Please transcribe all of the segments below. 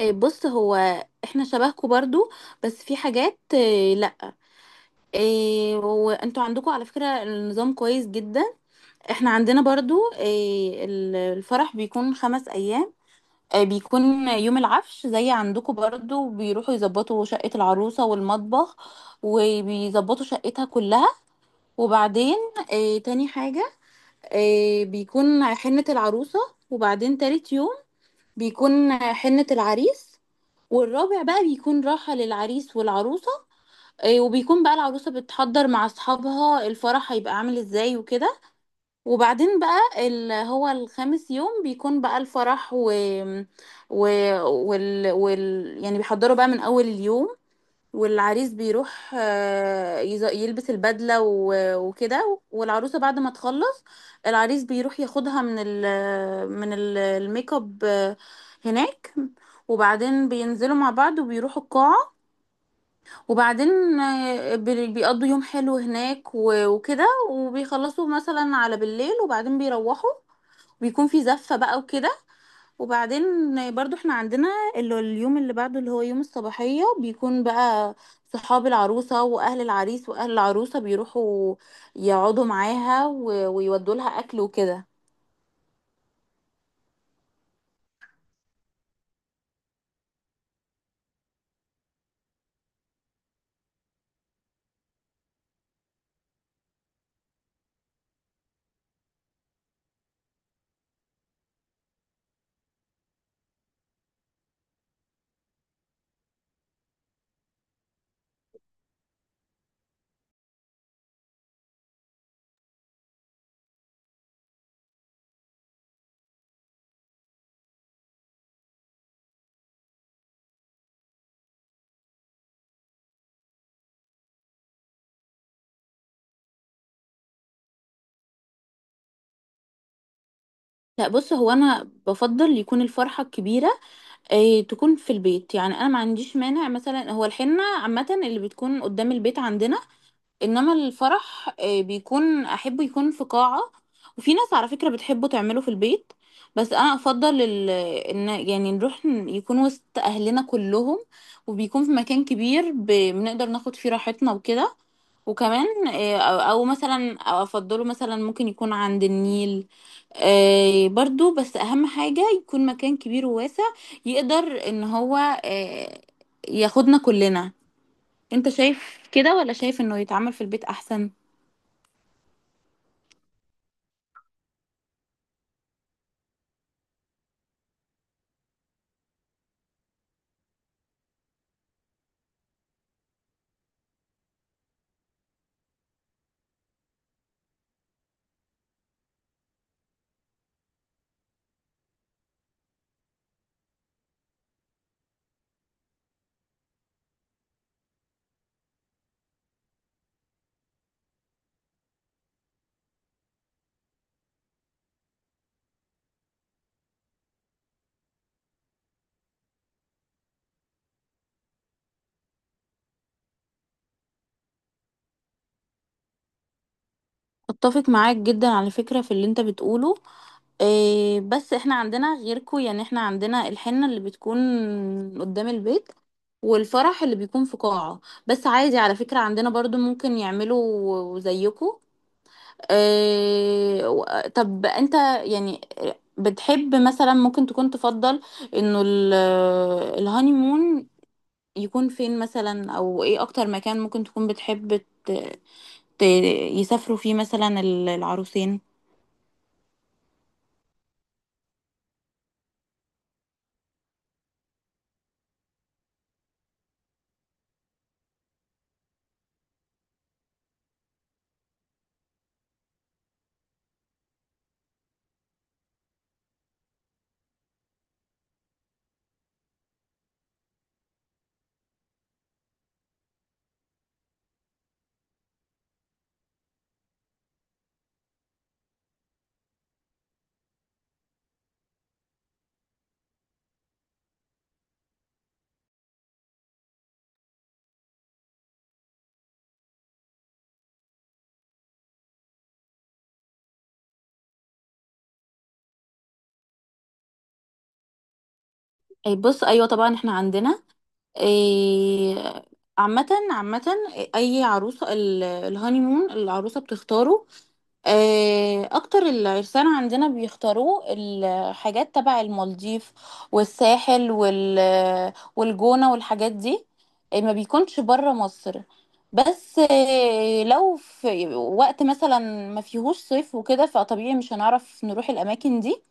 إيه، بص هو احنا شبهكم برضو. بس في حاجات، إيه، لا. إيه، وانتوا عندكم على فكرة النظام كويس جدا. احنا عندنا برضو إيه الفرح بيكون 5 ايام. إيه بيكون يوم العفش زي عندكم برضو، بيروحوا يظبطوا شقة العروسة والمطبخ، وبيظبطوا شقتها كلها. وبعدين إيه تاني حاجة، إيه بيكون حنة العروسة. وبعدين تالت يوم بيكون حنة العريس. والرابع بقى بيكون راحة للعريس والعروسة. وبيكون بقى العروسة بتحضر مع أصحابها الفرح هيبقى عامل ازاي وكده. وبعدين بقى هو الخامس يوم بيكون بقى الفرح و... يعني بيحضروا بقى من أول اليوم. والعريس بيروح، يلبس البدلة وكده، والعروسة بعد ما تخلص العريس بيروح ياخدها من الميك اب، هناك. وبعدين بينزلوا مع بعض وبيروحوا القاعة. وبعدين بيقضوا يوم حلو هناك وكده، وبيخلصوا مثلا على بالليل، وبعدين بيروحوا. بيكون في زفة بقى وكده. وبعدين برضو احنا عندنا اللي اليوم اللي بعده اللي هو يوم الصباحية بيكون بقى صحاب العروسة وأهل العريس وأهل العروسة بيروحوا يقعدوا معاها ويودوا لها أكل وكده. لا، بص هو أنا بفضل يكون الفرحة الكبيرة اه تكون في البيت. يعني أنا ما عنديش مانع، مثلا هو الحنة عامة اللي بتكون قدام البيت عندنا. انما الفرح بيكون احبه يكون في قاعة. وفي ناس على فكرة بتحبه تعمله في البيت. بس انا افضل ان يعني نروح، يكون وسط اهلنا كلهم، وبيكون في مكان كبير بنقدر ناخد فيه راحتنا وكده. وكمان آه، او أو مثلا، أو افضله مثلا ممكن يكون عند النيل، برضو، بس اهم حاجة يكون مكان كبير وواسع يقدر ان هو، آه، ياخدنا كلنا. انت شايف كده ولا شايف انه يتعمل في البيت احسن؟ اتفق معاك جدا على فكرة في اللي انت بتقوله. إيه بس احنا عندنا غيركو، يعني احنا عندنا الحنة اللي بتكون قدام البيت والفرح اللي بيكون في قاعة. بس عادي على فكرة عندنا برضو ممكن يعملوا زيكو. إيه طب انت يعني بتحب مثلا ممكن تكون تفضل انه الهانيمون يكون فين مثلا، او ايه اكتر مكان ممكن تكون بتحب ت- يسافروا فيه مثلا العروسين؟ إيه بص ايوه طبعا احنا عندنا، إيه، عامة عامة اي عروسة الهانيمون العروسة بتختاره. اكتر العرسان عندنا بيختاروا الحاجات تبع المالديف والساحل والجونة والحاجات دي. ما بيكونش بره مصر. بس لو في وقت مثلا ما فيهوش صيف وكده فطبيعي مش هنعرف نروح الاماكن دي،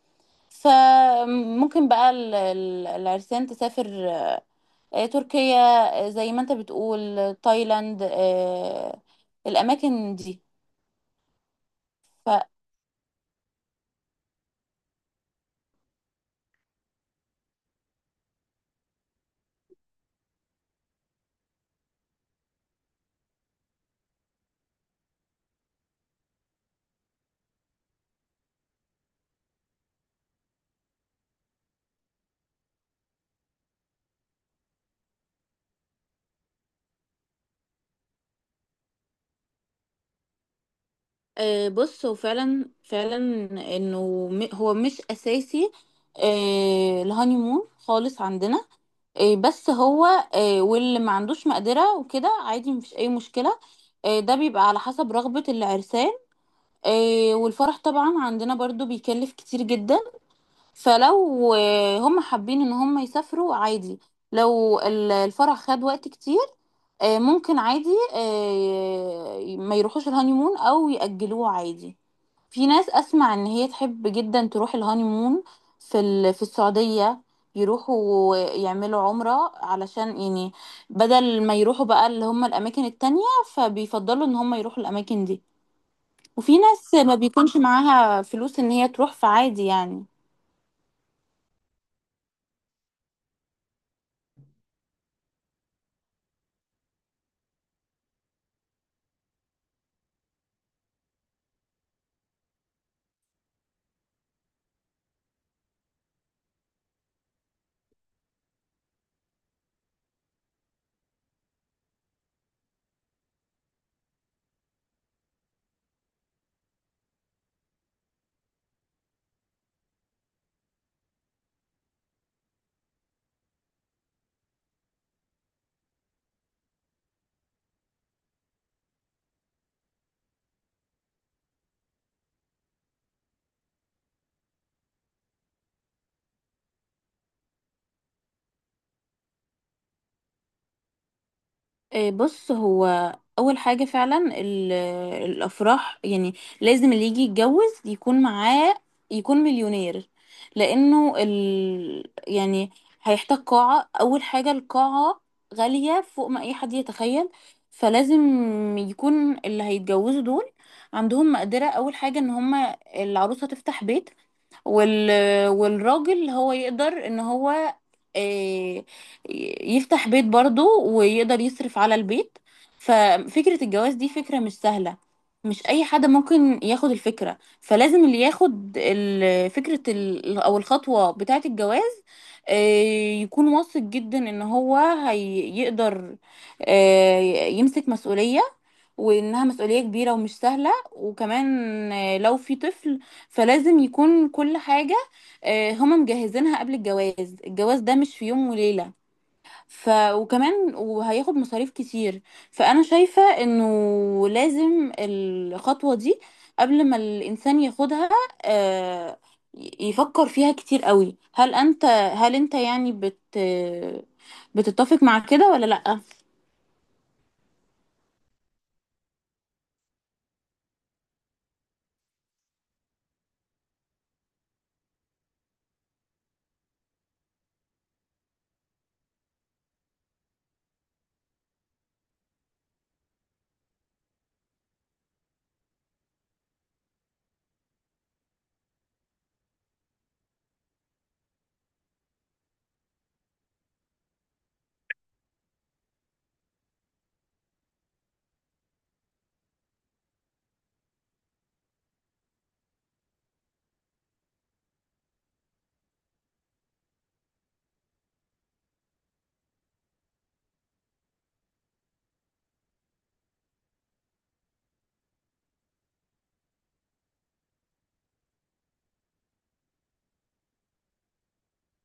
فممكن بقى العرسان تسافر تركيا، زي ما انت بتقول تايلاند، الأماكن دي. ف آه، بص هو فعلا فعلا انه هو مش اساسي، الهانيمون خالص عندنا. بس هو، واللي ما عندوش مقدرة وكده عادي مفيش اي مشكلة. ده بيبقى على حسب رغبة العرسان. والفرح طبعا عندنا برضو بيكلف كتير جدا. فلو هم حابين ان هم يسافروا عادي، لو الفرح خد وقت كتير، ممكن عادي ما يروحوش الهانيمون او يأجلوه عادي. في ناس اسمع ان هي تحب جدا تروح الهانيمون في في السعودية، يروحوا يعملوا عمرة علشان يعني بدل ما يروحوا بقى اللي هم الاماكن التانية، فبيفضلوا ان هم يروحوا الاماكن دي. وفي ناس ما بيكونش معاها فلوس ان هي تروح فعادي يعني. إيه بص هو اول حاجه فعلا الافراح يعني لازم اللي يجي يتجوز يكون معاه، يكون مليونير. لانه يعني هيحتاج قاعه، اول حاجه القاعه غاليه فوق ما اي حد يتخيل. فلازم يكون اللي هيتجوزوا دول عندهم مقدره، اول حاجه ان هما العروسه تفتح بيت وال... والراجل هو يقدر ان هو، آه، يفتح بيت برضه ويقدر يصرف على البيت. ففكرة الجواز دي فكرة مش سهلة، مش اي حد ممكن ياخد الفكرة. فلازم اللي ياخد فكرة او الخطوة بتاعة الجواز يكون واثق جدا ان هو هيقدر يمسك مسؤولية، وانها مسؤولية كبيرة ومش سهلة. وكمان لو في طفل فلازم يكون كل حاجة هما مجهزينها قبل الجواز. الجواز ده مش في يوم وليلة. وكمان وهياخد مصاريف كتير. فأنا شايفة إنه لازم الخطوة دي قبل ما الإنسان ياخدها آه، يفكر فيها كتير قوي. هل أنت يعني بتتفق مع كده ولا لأ؟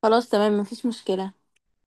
خلاص تمام مفيش مشكلة.